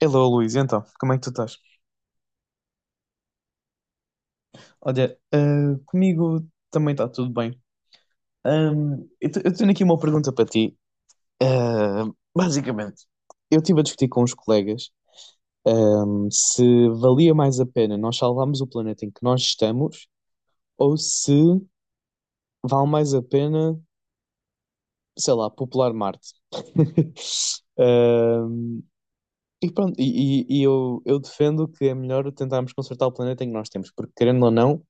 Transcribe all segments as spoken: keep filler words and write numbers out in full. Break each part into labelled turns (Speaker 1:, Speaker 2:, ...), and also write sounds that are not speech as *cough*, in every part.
Speaker 1: Hello, Luís, então, como é que tu estás? Olha, ah, comigo também está tudo bem. Ahm, eu, te- eu tenho aqui uma pergunta para ti. Ah, Basicamente, eu estive a discutir com os colegas, ahm, se valia mais a pena nós salvarmos o planeta em que nós estamos, ou se vale mais a pena, sei lá, popular Marte. *laughs* Ahm, e pronto, e, e- e eu, eu defendo que é melhor tentarmos consertar o planeta em que nós temos, porque querendo ou não.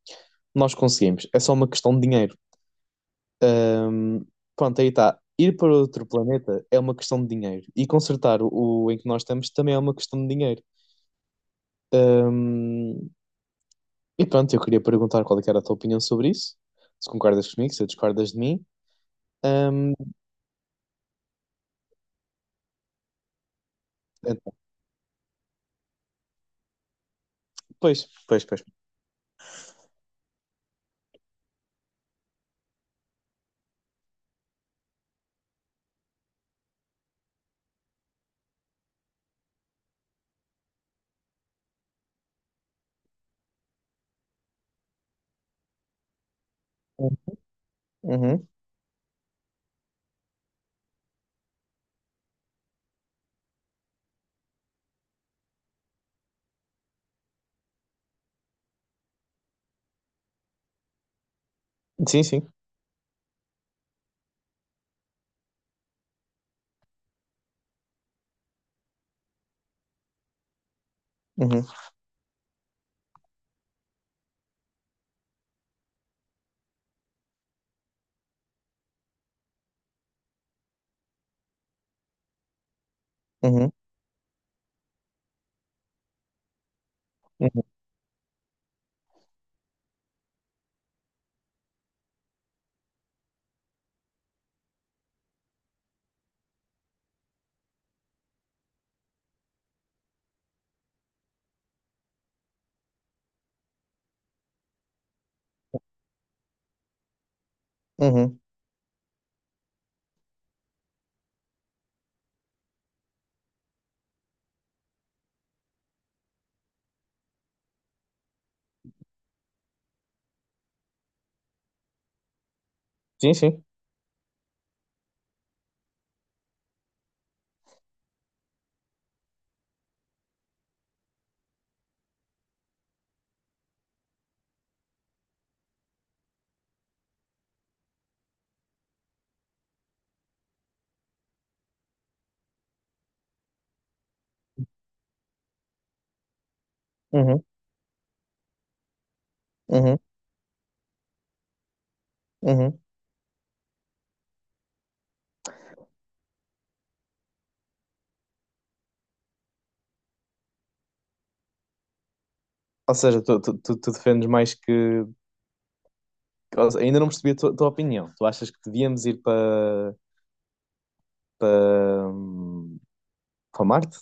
Speaker 1: Nós conseguimos, é só uma questão de dinheiro. Ahm, Pronto, aí está. Ir para outro planeta é uma questão de dinheiro. E consertar o, o em que nós estamos também é uma questão de dinheiro. Ahm, e pronto, eu queria perguntar qual é que era a tua opinião sobre isso. Se concordas comigo, se discordas de mim. Ahm, então, pois, pois, pois. Uhum. Sim, sim. Uhum. Uhum. Uhum. Uhum. Sim, sim. Uhum. Uhum. Uhum. Ou seja, tu, tu, tu, tu defendes mais que. Ou seja, ainda não percebi a tua, tua opinião. Tu achas que devíamos ir para para, para Marte?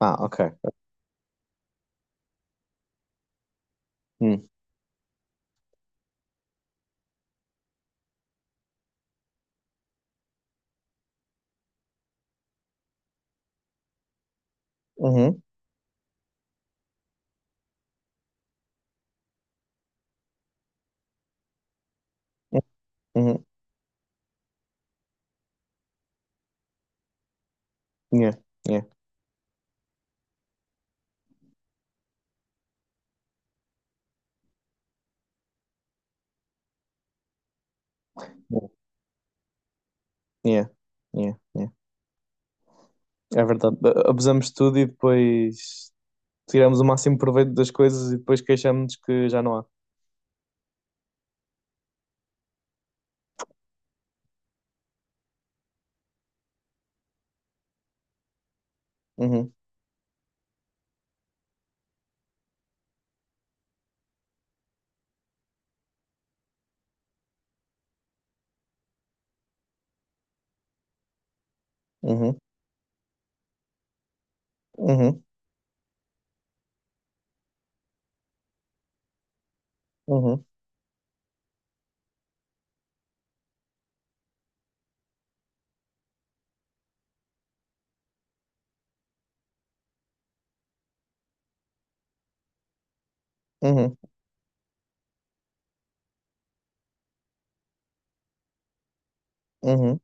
Speaker 1: Ah, ok. Hum. Uhum. Uhum. Uhum. Yeah. Yeah. Yeah. Yeah. Yeah. É verdade. A- abusamos de tudo e depois tiramos o máximo proveito das coisas e depois queixamos-nos que já não há. Uhum. Uhum. Uhum. Uhum. Uhum. Uhum.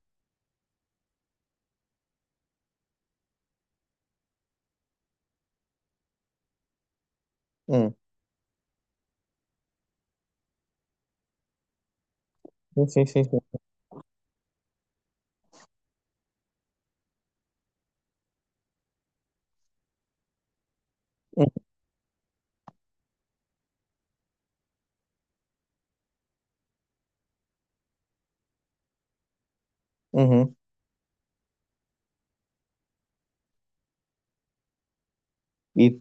Speaker 1: Uhum. Sim, sim, sim. Uhum. Uhum. E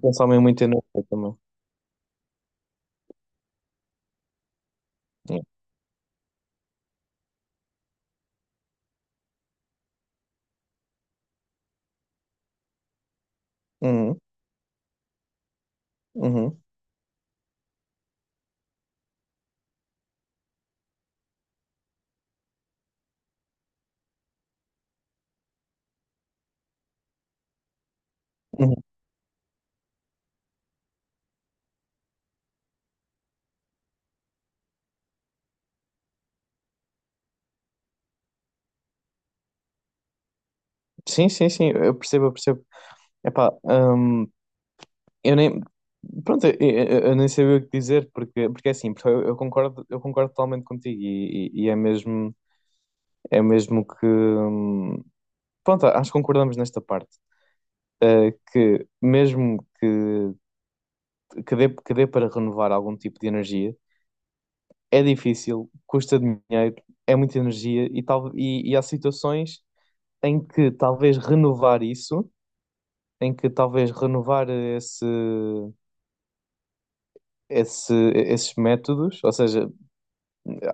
Speaker 1: consomem muito energia também. Yeah. Uhum. Uhum. Uhum. Sim, sim, sim. Eu percebo, eu percebo. Epá, hum, eu nem. Pronto, eu, eu- eu nem sabia o que dizer, porque, porque é assim, porque eu, eu concordo, eu concordo totalmente contigo e, e- e é mesmo, é mesmo que. hum, Pronto, acho que concordamos nesta parte, eh, que mesmo que, que, dê, que dê para renovar algum tipo de energia, é difícil, custa dinheiro, é muita energia e, tal, e, e há situações em que talvez renovar isso, em que talvez renovar esse, esse, esses métodos, ou seja,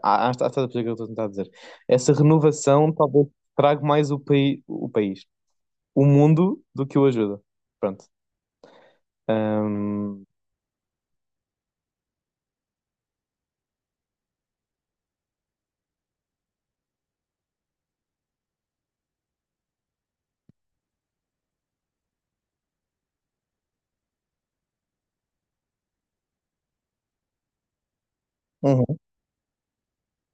Speaker 1: Ah, ah, estás a perceber o que eu estou a tentar dizer. Essa renovação talvez traga mais o, paí o país, o mundo, do que o ajuda. Pronto. Um, uhum,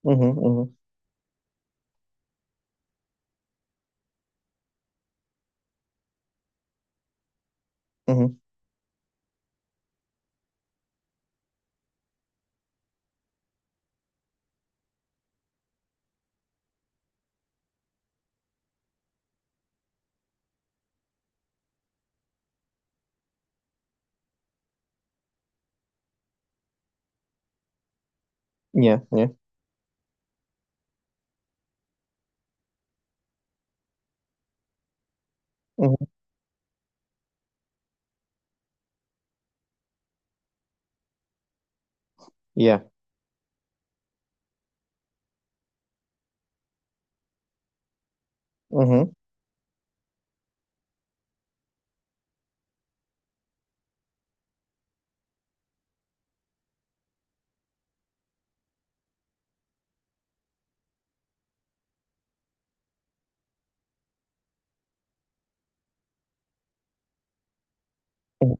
Speaker 1: uhum, uhum, uhum. Yeah, yeah, uhum, yeah, uhum, uhum,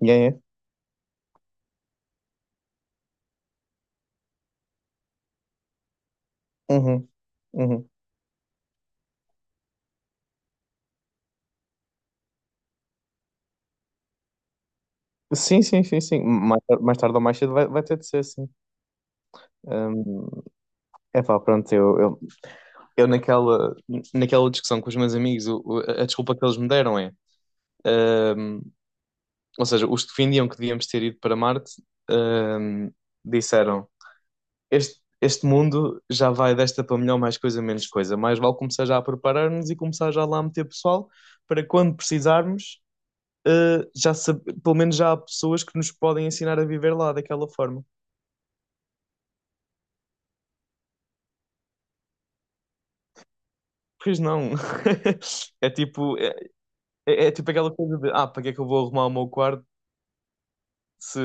Speaker 1: yeah, yeah, uhum, uhum. Sim, sim, sim, sim. Mais, tar- mais tarde ou mais cedo vai, vai ter de ser assim. É pá, pronto, eu, eu, eu naquela, naquela discussão com os meus amigos, o- o- a desculpa que eles me deram é. Ou seja, os que defendiam que devíamos ter ido para Marte, hum, disseram: este, este mundo já vai desta para melhor, mais coisa, menos coisa. Mais vale começar já a preparar-nos e começar já lá a meter pessoal para quando precisarmos, eh, já sab- pelo menos já há pessoas que nos podem ensinar a viver lá daquela forma. Pois não. *laughs* É tipo, é, é- é tipo aquela coisa de: ah, para que é que eu vou arrumar o meu quarto se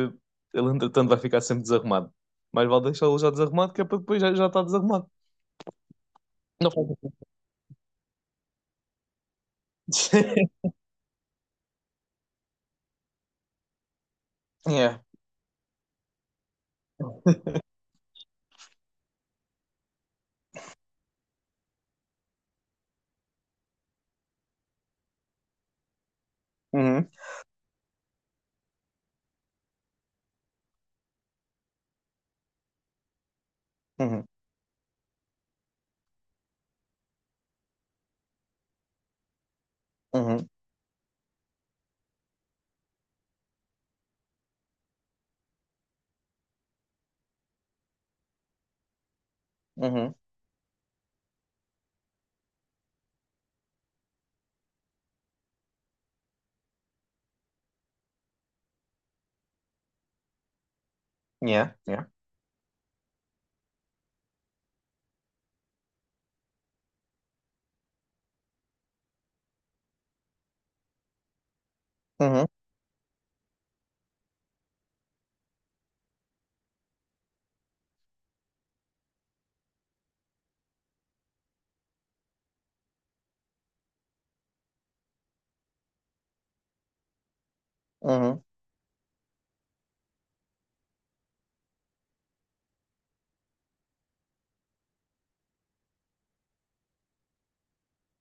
Speaker 1: ele entretanto vai ficar sempre desarrumado? Mais vale deixá-lo já desarrumado, que é para depois já, já está desarrumado. Não faz sentido. *laughs* Yeah. Uhum. Uhum. Uhum. Uhum. Yeah. Yeah. Uhum. Uhum.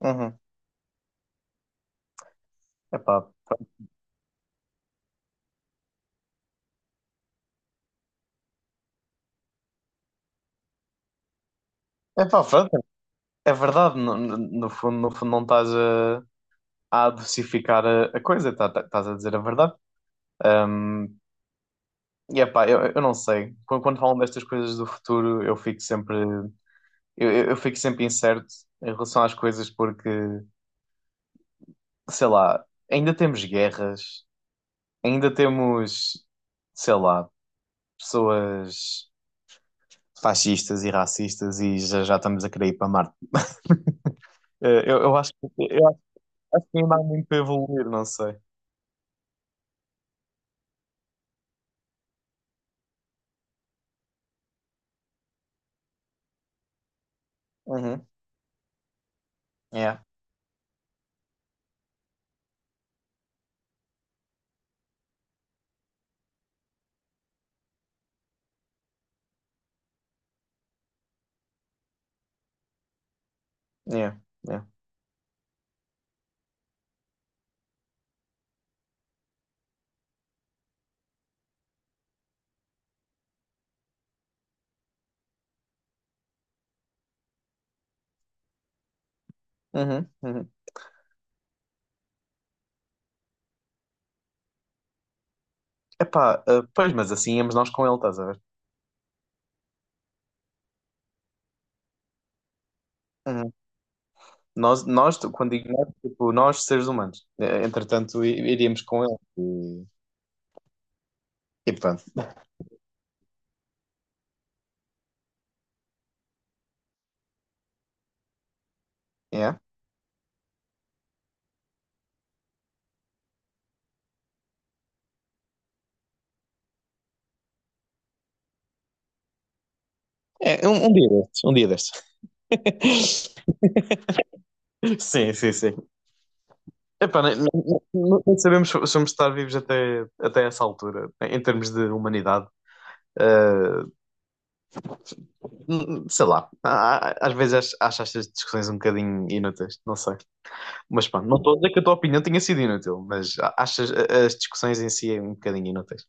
Speaker 1: Uhum. Epá, pronto. Epá, pronto. É verdade. No, no- no fundo, no fundo não estás a, a adocificar a, a coisa. tá- tá- Estás a dizer a verdade. Um, e epá, eu, eu não sei. Quando, quando falam destas coisas do futuro, eu fico sempre... Eu, eu eu fico sempre incerto em relação às coisas porque, sei lá, ainda temos guerras, ainda temos, sei lá, pessoas... fascistas e racistas e já, já estamos a querer ir para Marte. *laughs* Eu, eu acho, que- eu acho, acho que ainda há muito para evoluir, não sei. Uhum. É é. É. Uhum, uhum. Epá, eh, pois, mas assim íamos nós com ele, estás a ver? Uhum. Nós, nós, quando digo nós, tipo, nós seres humanos, eh, entretanto, i- iríamos com ele. E, e pronto, yeah. É, um, um dia destes, um dia destes. *laughs* Sim, sim, sim. Epá, nem, nem- nem- nem sabemos se se vamos estar vivos até, até essa altura, em termos de humanidade. Uh, Sei lá, há- há- às vezes acho, acho estas discussões um bocadinho inúteis, não sei. Mas pá, não estou a dizer que a tua opinião tenha sido inútil, mas a- acho as, as discussões em si é um bocadinho inúteis.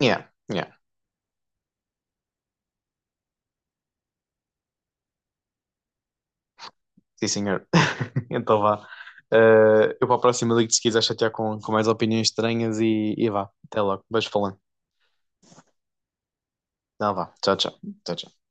Speaker 1: Yeah, yeah, sim senhor. *laughs* Então vá. Uh, eu para a próxima ligo-te se quiser chatear com, com mais opiniões estranhas e, e vá, até logo. Beijo falando. Não, vá, tchau, tchau. Tchau, tchau.